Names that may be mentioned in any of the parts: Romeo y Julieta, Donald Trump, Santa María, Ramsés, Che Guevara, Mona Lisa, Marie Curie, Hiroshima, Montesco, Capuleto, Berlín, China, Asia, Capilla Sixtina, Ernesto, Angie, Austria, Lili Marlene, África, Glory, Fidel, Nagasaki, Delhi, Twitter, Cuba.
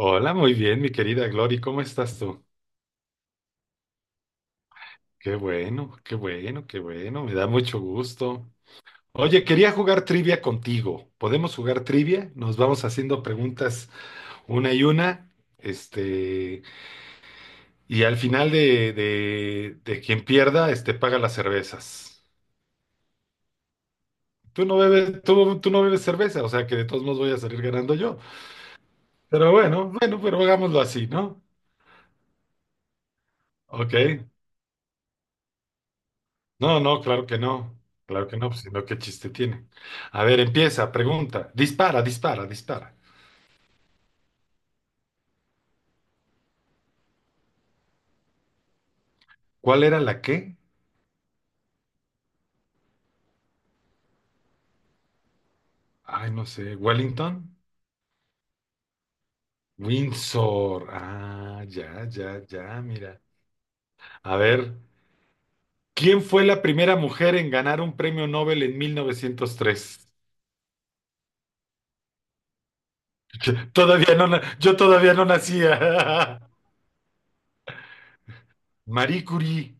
Hola, muy bien, mi querida Glory, ¿cómo estás tú? Qué bueno, qué bueno, qué bueno, me da mucho gusto. Oye, quería jugar trivia contigo. ¿Podemos jugar trivia? Nos vamos haciendo preguntas una y una. Este, y al final de, quien pierda, paga las cervezas. Tú no bebes, tú no bebes cerveza, o sea que de todos modos voy a salir ganando yo. Pero bueno, bueno, pero hagámoslo así, ¿no? Ok. No, no, claro que no. Claro que no, pues, sino qué chiste tiene. A ver, empieza, pregunta. Dispara, dispara, dispara. ¿Cuál era la qué? Ay, no sé. ¿Wellington? Windsor. Ah, ya, ya, ya, mira. A ver, ¿quién fue la primera mujer en ganar un premio Nobel en 1903? Todavía no, yo todavía no nacía. Marie Curie.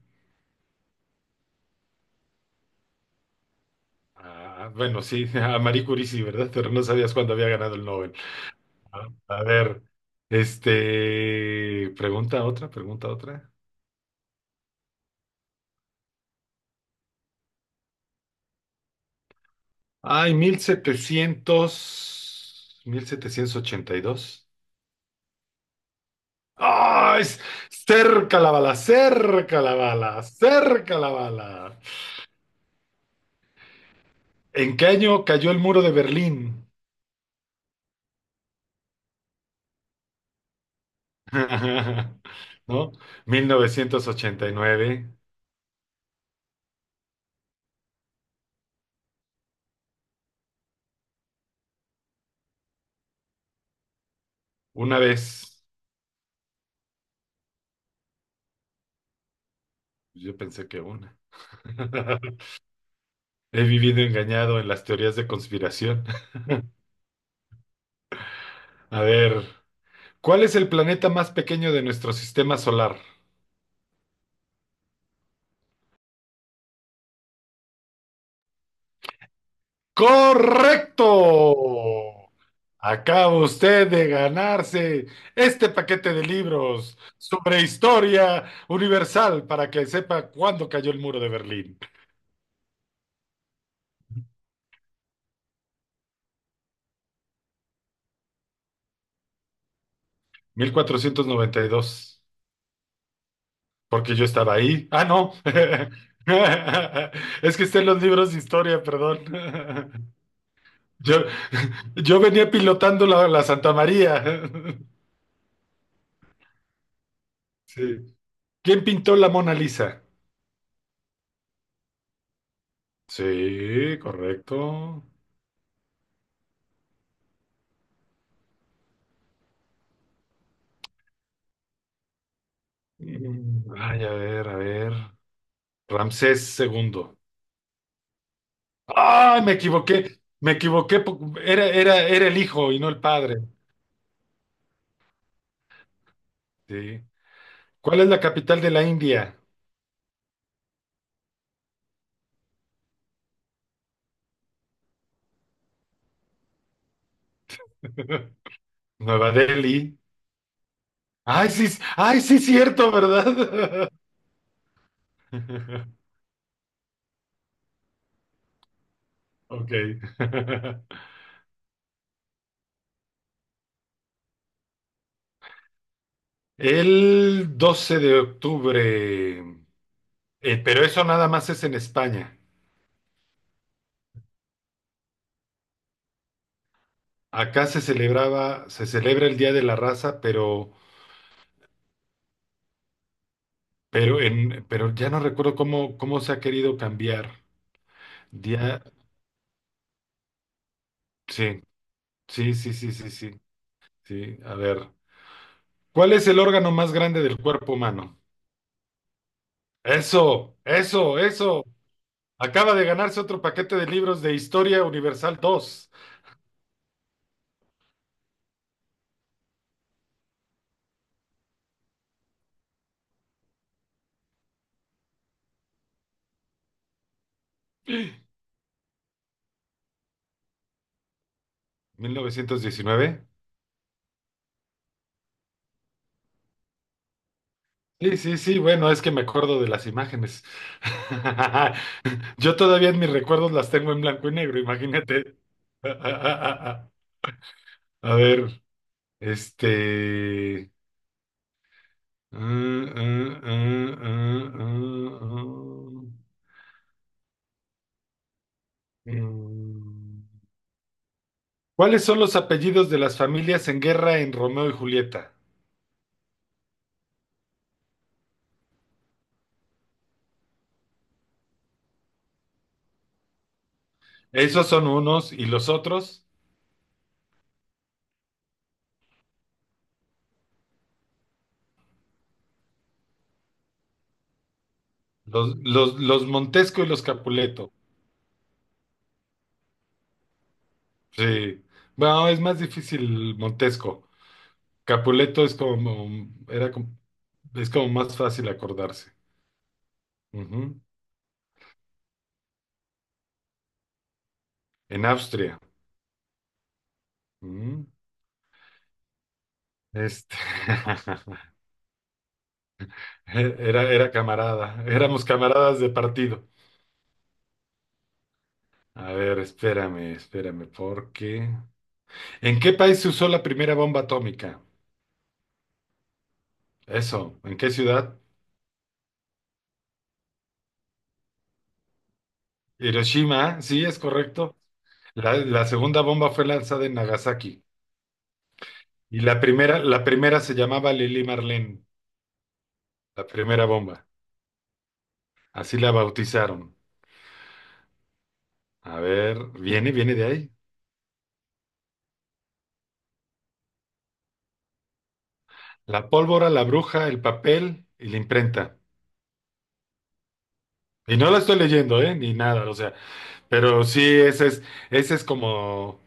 Ah, bueno, sí, a Marie Curie sí, ¿verdad? Pero no sabías cuándo había ganado el Nobel. A ver, pregunta otra, pregunta otra. Ay, mil setecientos ochenta y dos. ¡Ay! Cerca la bala, cerca la bala, cerca la bala. ¿En qué año cayó el muro de Berlín? ¿No? Mil novecientos ochenta y nueve. Una vez. Yo pensé que una. He vivido engañado en las teorías de conspiración. A ver. ¿Cuál es el planeta más pequeño de nuestro sistema solar? ¡Correcto! Acaba usted de ganarse este paquete de libros sobre historia universal para que sepa cuándo cayó el muro de Berlín. 1492. Porque yo estaba ahí. Ah, no. Es que está en los libros de historia, perdón. Yo, yo venía pilotando la Santa María. Sí. ¿Quién pintó la Mona Lisa? Sí, correcto. Ay, a ver, a ver. Ramsés segundo. ¡Ay, me equivoqué! Me equivoqué. Era el hijo y no el padre. Sí. ¿Cuál es la capital de la India? Nueva Delhi. Ay, sí, ay, sí, cierto, ¿verdad? Ok. El 12 de octubre, pero eso nada más es en España. Acá se celebraba, se celebra el Día de la Raza, pero ya no recuerdo cómo se ha querido cambiar. Ya, sí, sí, sí, sí, sí, sí, sí. A ver. ¿Cuál es el órgano más grande del cuerpo humano? Eso, eso, eso. Acaba de ganarse otro paquete de libros de Historia Universal dos. ¿1919? Sí, sí, sí, bueno, es que me acuerdo de las imágenes. Yo todavía en mis recuerdos las tengo en blanco y negro, imagínate. A ver, este... Ah, ah, ah, ah, ah, ah. Mm. ¿Cuáles son los apellidos de las familias en guerra en Romeo y Julieta? Esos son unos y los otros, los Montesco y los Capuleto. Sí. Bueno, es más difícil Montesco. Capuleto es como más fácil acordarse. Ujú. En Austria. Ujú. Este, era camarada, éramos camaradas de partido. A ver, espérame, espérame, porque... ¿En qué país se usó la primera bomba atómica? Eso, ¿en qué ciudad? Hiroshima, sí, es correcto. La segunda bomba fue lanzada en Nagasaki. Y la primera se llamaba Lili Marlene, la primera bomba. Así la bautizaron. A ver, viene, viene de ahí. La pólvora, la bruja, el papel y la imprenta. Y no la estoy leyendo, ¿eh? Ni nada, o sea, pero sí, ese es, como...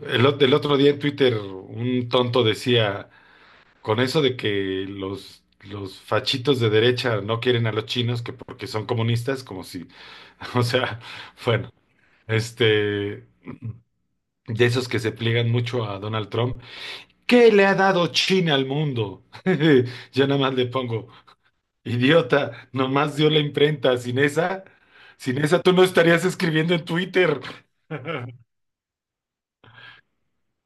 El otro día en Twitter un tonto decía, con eso de que los fachitos de derecha no quieren a los chinos, que porque son comunistas, como si, o sea, bueno, este, de esos que se pliegan mucho a Donald Trump, ¿qué le ha dado China al mundo? Yo nada más le pongo, idiota, nomás dio la imprenta, sin esa tú no estarías escribiendo en Twitter.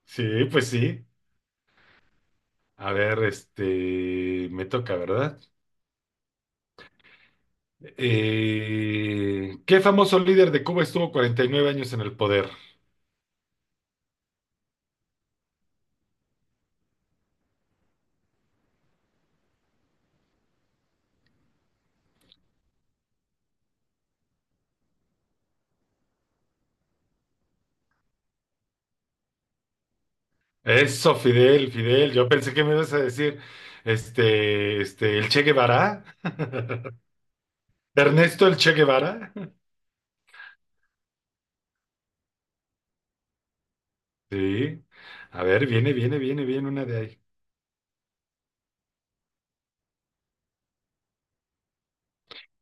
Sí, pues sí. A ver, me toca, ¿verdad? ¿Qué famoso líder de Cuba estuvo 49 años en el poder? Eso, Fidel, Fidel. Yo pensé que me ibas a decir, el Che Guevara. Ernesto el Che Guevara. Sí. A ver, viene, viene, viene, viene una de ahí.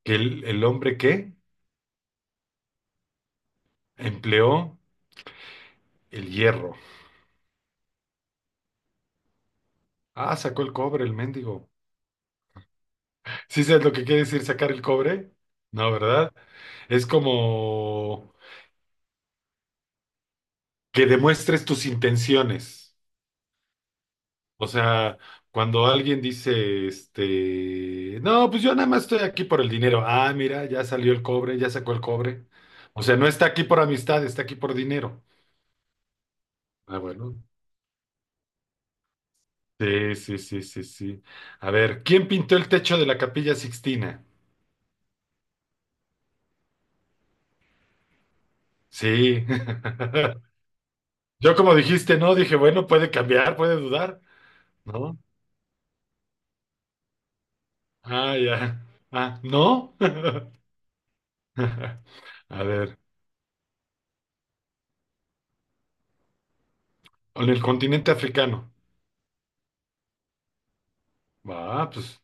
Que el hombre que empleó el hierro. Ah, sacó el cobre, el mendigo. ¿Sí sabes lo que quiere decir sacar el cobre? No, ¿verdad? Es como que demuestres tus intenciones. O sea, cuando alguien dice, no, pues yo nada más estoy aquí por el dinero. Ah, mira, ya salió el cobre, ya sacó el cobre. O sea, no está aquí por amistad, está aquí por dinero. Ah, bueno. Sí, sí, sí, sí, sí. A ver, ¿quién pintó el techo de la Capilla Sixtina? Sí. Yo como dijiste, no, dije, bueno, puede cambiar, puede dudar, ¿no? Ah, ya. Ah, ¿no? A ver, en el continente africano. Ah, pues.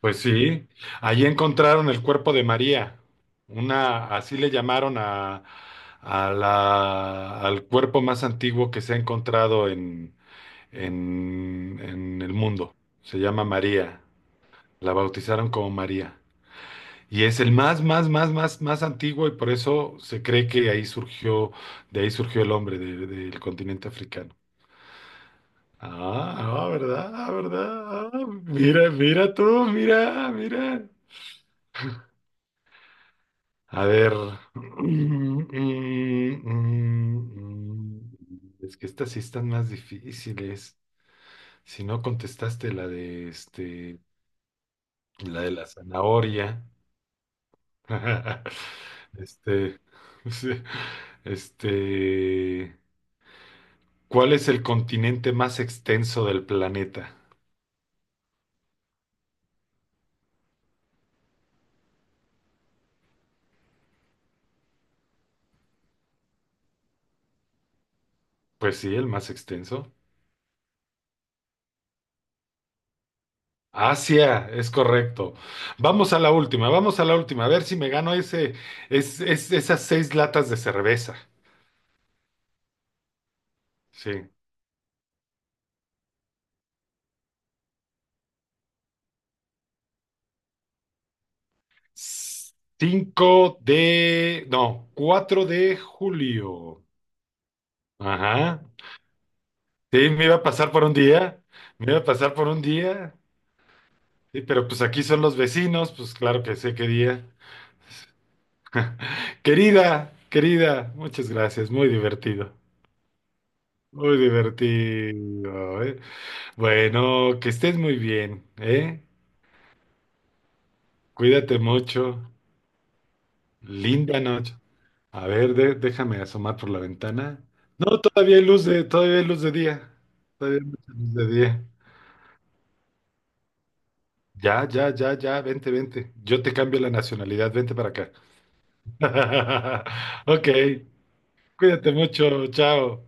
Pues sí, allí encontraron el cuerpo de María, una, así le llamaron a la, al cuerpo más antiguo que se ha encontrado en, en el mundo. Se llama María, la bautizaron como María. Y es el más, más, más, más, más antiguo y por eso se cree que ahí surgió, de ahí surgió el hombre del continente africano. Ah, ah, ¿verdad? Ah, ¿verdad? Ah, mira, mira tú, mira, mira. A ver. mm, mm, mm, mm. mm, Es que estas sí están más difíciles. Si no contestaste la de la de la zanahoria. Este, sí, este, ¿Cuál es el continente más extenso del planeta? Pues sí, el más extenso. Asia, es correcto. Vamos a la última, vamos a la última, a ver si me gano esas seis latas de cerveza. Sí. Cinco de, no, 4 de julio. Ajá. Sí, me iba a pasar por un día, me iba a pasar por un día. Sí, pero pues aquí son los vecinos, pues claro que sé qué día. Querida, querida, muchas gracias, muy divertido. Muy divertido, ¿eh? Bueno, que estés muy bien, ¿eh? Cuídate mucho. Linda noche. A ver, déjame asomar por la ventana. No, todavía hay luz de día. Todavía hay mucha luz de día. Ya, ya, ya, ya, vente, vente. Yo te cambio la nacionalidad, vente para acá. Ok, cuídate mucho, chao.